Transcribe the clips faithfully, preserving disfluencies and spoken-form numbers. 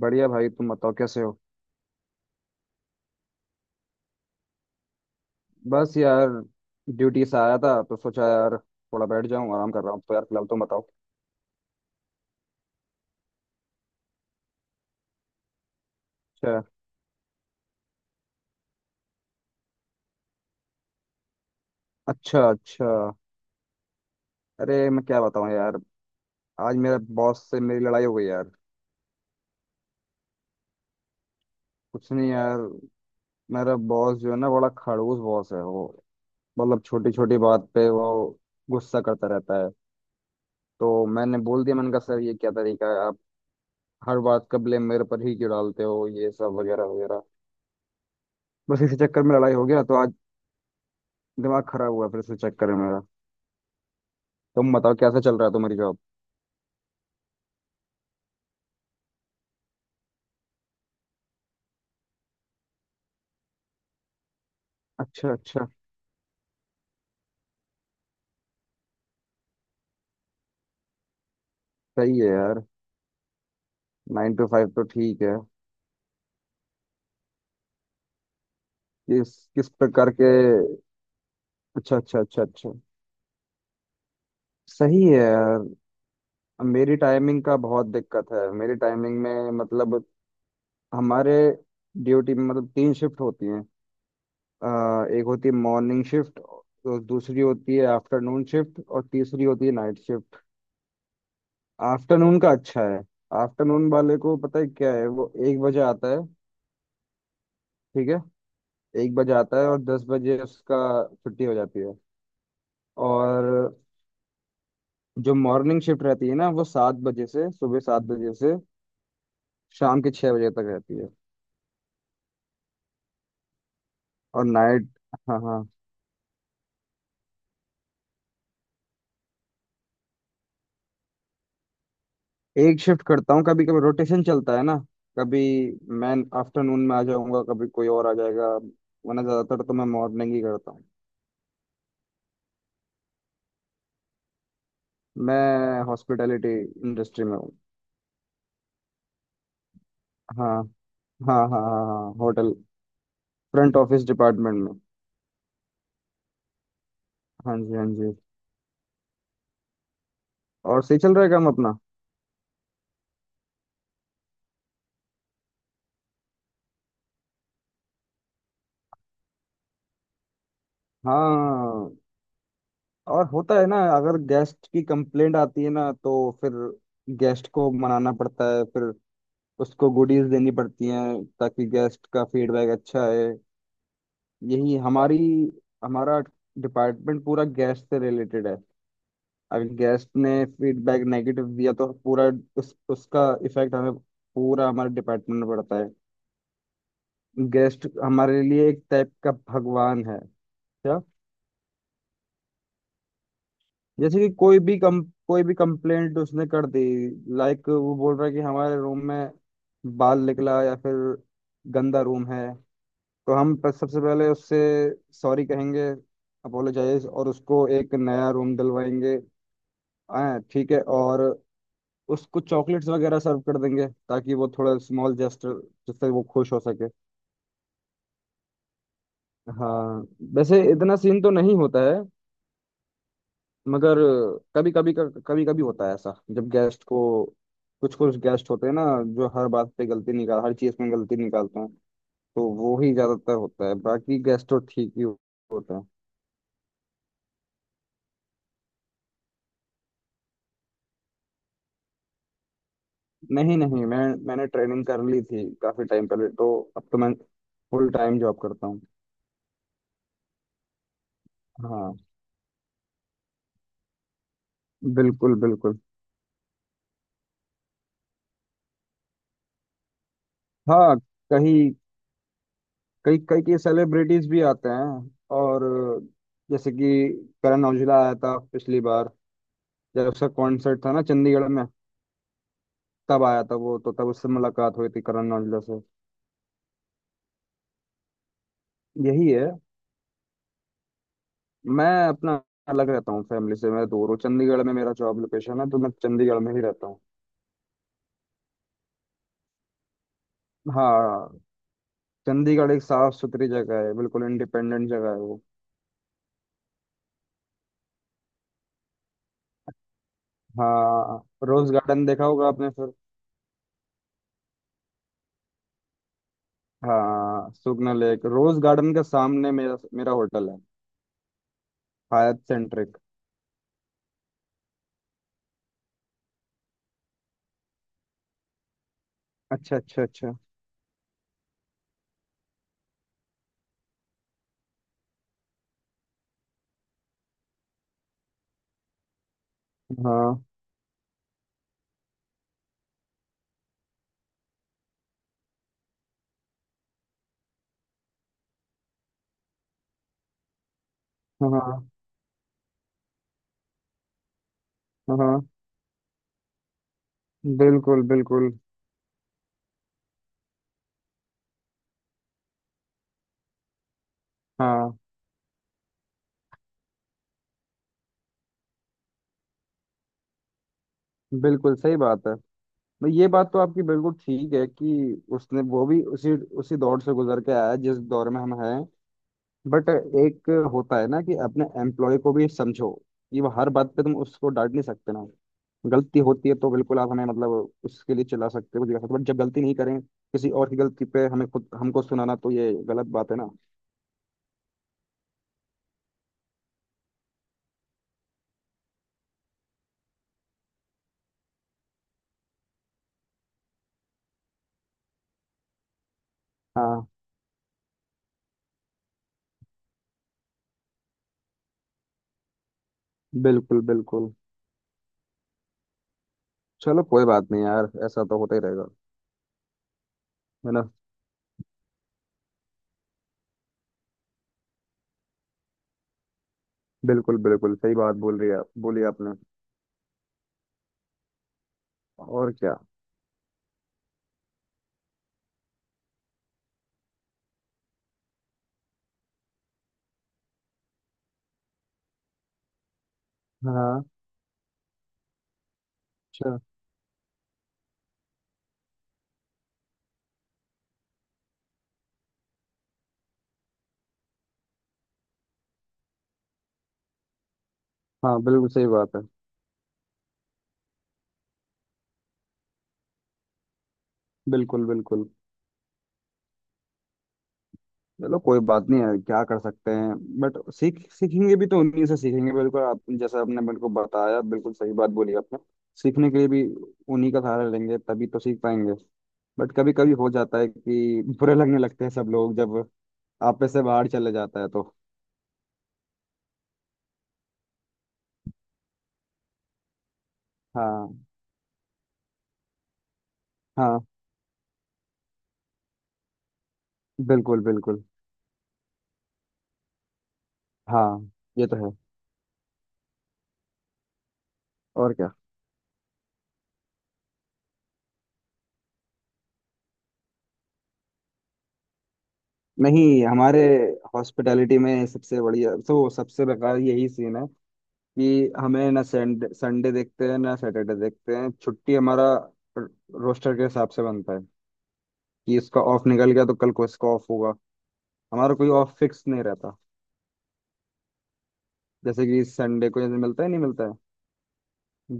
बढ़िया भाई, तुम बताओ कैसे हो। बस यार, ड्यूटी से आया था तो सोचा यार थोड़ा बैठ जाऊं, आराम कर रहा हूँ। तो यार फिलहाल तुम बताओ। अच्छा, अच्छा, अच्छा। अरे मैं क्या बताऊं यार, आज मेरे बॉस से मेरी लड़ाई हो गई यार। कुछ नहीं यार, मेरा बॉस जो है ना, बड़ा खड़ूस बॉस है वो। मतलब छोटी छोटी बात पे वो गुस्सा करता रहता है। तो मैंने बोल दिया, मैंने कहा सर ये क्या तरीका है, आप हर बात का ब्लेम मेरे पर ही क्यों डालते हो, ये सब वगैरह वगैरह। बस इसी चक्कर में लड़ाई हो गया तो आज दिमाग खराब हुआ, फिर इसी चक्कर में मेरा। तुम बताओ कैसा चल रहा है तुम्हारी जॉब। अच्छा, अच्छा। सही है यार। नाइन टू फाइव तो ठीक है। किस किस प्रकार के। अच्छा, अच्छा, अच्छा, अच्छा। सही है यार। मेरी टाइमिंग का बहुत दिक्कत है, मेरी टाइमिंग में मतलब, हमारे ड्यूटी में मतलब तीन शिफ्ट होती हैं। अ, एक होती है मॉर्निंग शिफ्ट, तो दूसरी होती है आफ्टरनून शिफ्ट, और तीसरी होती है नाइट शिफ्ट। आफ्टरनून का अच्छा है। आफ्टरनून वाले को पता है क्या है, वो एक बजे आता है। ठीक है, एक बजे आता है और दस बजे उसका छुट्टी हो जाती है। और जो मॉर्निंग शिफ्ट रहती है ना, वो सात बजे से, सुबह सात बजे से शाम के छह बजे तक रहती है। और नाइट। हाँ, हाँ। एक शिफ्ट करता हूँ, कभी कभी रोटेशन चलता है ना। कभी मैं आफ्टरनून में आ जाऊंगा, कभी कोई और आ जाएगा। वरना ज़्यादातर तो मैं मॉर्निंग ही करता हूँ। मैं हॉस्पिटैलिटी इंडस्ट्री में हूँ। हाँ, हाँ, हाँ, हाँ, हाँ, होटल। फ्रंट ऑफिस डिपार्टमेंट में। हाँ जी, हाँ जी। और सही चल रहा है काम अपना। हाँ, और होता है ना, अगर गेस्ट की कंप्लेंट आती है ना, तो फिर गेस्ट को मनाना पड़ता है। फिर उसको गुडीज देनी पड़ती हैं ताकि गेस्ट का फीडबैक अच्छा है। यही हमारी हमारा डिपार्टमेंट पूरा गेस्ट से रिलेटेड है। अगर गेस्ट ने फीडबैक नेगेटिव दिया तो पूरा उस, उसका इफेक्ट हमें, पूरा हमारे डिपार्टमेंट में पड़ता है। गेस्ट हमारे लिए एक टाइप का भगवान है। क्या। जैसे कि कोई भी कम, कोई भी कंप्लेंट उसने कर दी, लाइक वो बोल रहा है कि हमारे रूम में बाल निकला, या फिर गंदा रूम है, तो हम प- सबसे पहले उससे सॉरी कहेंगे, अपोलोजाइज, और उसको एक नया रूम दिलवाएंगे। हाँ ठीक है, और उसको चॉकलेट्स वगैरह सर्व कर देंगे ताकि वो थोड़ा, स्मॉल जेस्टर, जिससे वो खुश हो सके। हाँ। वैसे इतना सीन तो नहीं होता है, मगर कभी कभी, कभी कभी होता है ऐसा। जब गेस्ट को, कुछ कुछ गेस्ट होते हैं ना जो हर बात पे गलती निकाल, हर चीज में गलती निकालते हैं, तो वो ही ज्यादातर होता है। बाकी गेस्ट तो ठीक ही होता है। नहीं नहीं, मैं, मैंने ट्रेनिंग कर ली थी काफी टाइम पहले, तो अब तो मैं फुल टाइम जॉब करता हूँ। हाँ। बिल्कुल, बिल्कुल। हाँ। कहीं, कई कई कई सेलिब्रिटीज भी आते हैं, और जैसे कि करण औजला आया था पिछली बार, जब उसका कॉन्सर्ट था ना चंडीगढ़ में, तब आया था वो। तो तब उससे मुलाकात हुई थी, करण औजला से। यही है, मैं अपना अलग रहता हूँ, फैमिली से मैं दूर हूँ। चंडीगढ़ में मेरा जॉब लोकेशन है, तो मैं चंडीगढ़ में ही रहता हूँ। हाँ। चंडीगढ़ एक साफ सुथरी जगह है, बिल्कुल इंडिपेंडेंट जगह है वो। हाँ, रोज गार्डन देखा होगा आपने फिर। हाँ, सुगना लेक, रोज गार्डन के सामने मेरा मेरा होटल है। Hyatt Centric. अच्छा, अच्छा, अच्छा। हाँ, हाँ, हाँ। बिल्कुल, बिल्कुल। हाँ बिल्कुल सही बात है। मैं ये बात तो आपकी बिल्कुल ठीक है, कि उसने वो भी उसी उसी दौर से गुजर के आया है, जिस दौर में हम हैं। बट एक होता है ना, कि अपने एम्प्लॉय को भी समझो। ये वो हर बात पे तुम उसको डांट नहीं सकते ना। गलती होती है तो बिल्कुल आप हमें मतलब उसके लिए चिल्ला सकते हो, कुछ कर सकते हो, बट जब गलती नहीं करें, किसी और की गलती पे हमें खुद, हमको सुनाना, तो ये गलत बात है ना। हाँ बिल्कुल, बिल्कुल। चलो कोई बात नहीं यार, ऐसा तो होता ही रहेगा। है ना। बिल्कुल, बिल्कुल, सही बात बोल रही है, बोली आपने। और क्या। हाँ, हाँ, बिल्कुल सही बात है। बिल्कुल, बिल्कुल। चलो कोई बात नहीं है, क्या कर सकते हैं। बट सीख, सीखेंगे भी तो उन्हीं से सीखेंगे, बिल्कुल। आप जैसा आपने मेरे को बताया, बिल्कुल सही बात बोली आपने। सीखने के लिए भी उन्हीं का सहारा लेंगे, तभी तो सीख पाएंगे। बट कभी कभी हो जाता है कि बुरे लगने लगते हैं सब लोग, जब आपस से बाहर चले जाता है तो। हाँ, हाँ। बिल्कुल, बिल्कुल। हाँ, ये तो है। और क्या। नहीं हमारे हॉस्पिटैलिटी में सबसे बढ़िया तो सबसे बेकार यही सीन है, कि हमें ना संडे संडे देखते हैं ना सैटरडे देखते हैं, छुट्टी हमारा रोस्टर के हिसाब से बनता है। कि इसका ऑफ निकल गया तो कल को इसका ऑफ होगा, हमारा कोई ऑफ फिक्स नहीं रहता। जैसे कि संडे को जैसे मिलता है, नहीं मिलता है।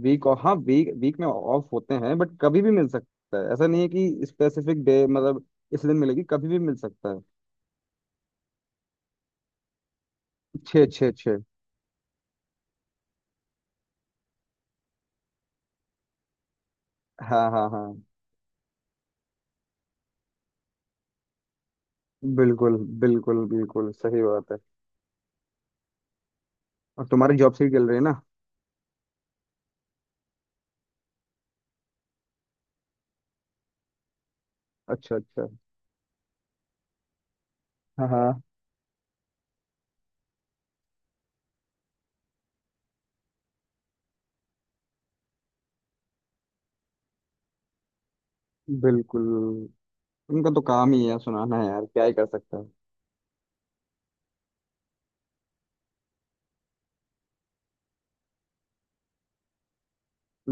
वीक ऑफ, हाँ वीक, वीक में ऑफ होते हैं। बट कभी भी मिल सकता है, ऐसा नहीं है कि स्पेसिफिक डे मतलब इस दिन मिलेगी, कभी भी मिल सकता है। छः, छः, छः। हाँ, हाँ, हाँ। बिल्कुल, बिल्कुल, बिल्कुल सही बात है। और तुम्हारी जॉब से ही चल रही है ना। अच्छा, अच्छा। हाँ, हाँ। बिल्कुल। उनका तो काम ही है, सुनाना है यार, क्या ही कर सकता है।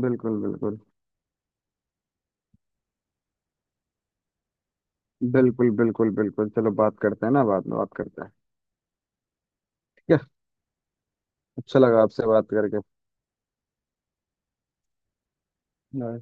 बिल्कुल, बिल्कुल, बिल्कुल, बिल्कुल, बिल्कुल, चलो बात करते हैं ना, बाद में बात करते हैं। ठीक है। अच्छा लगा आपसे बात करके। बाय।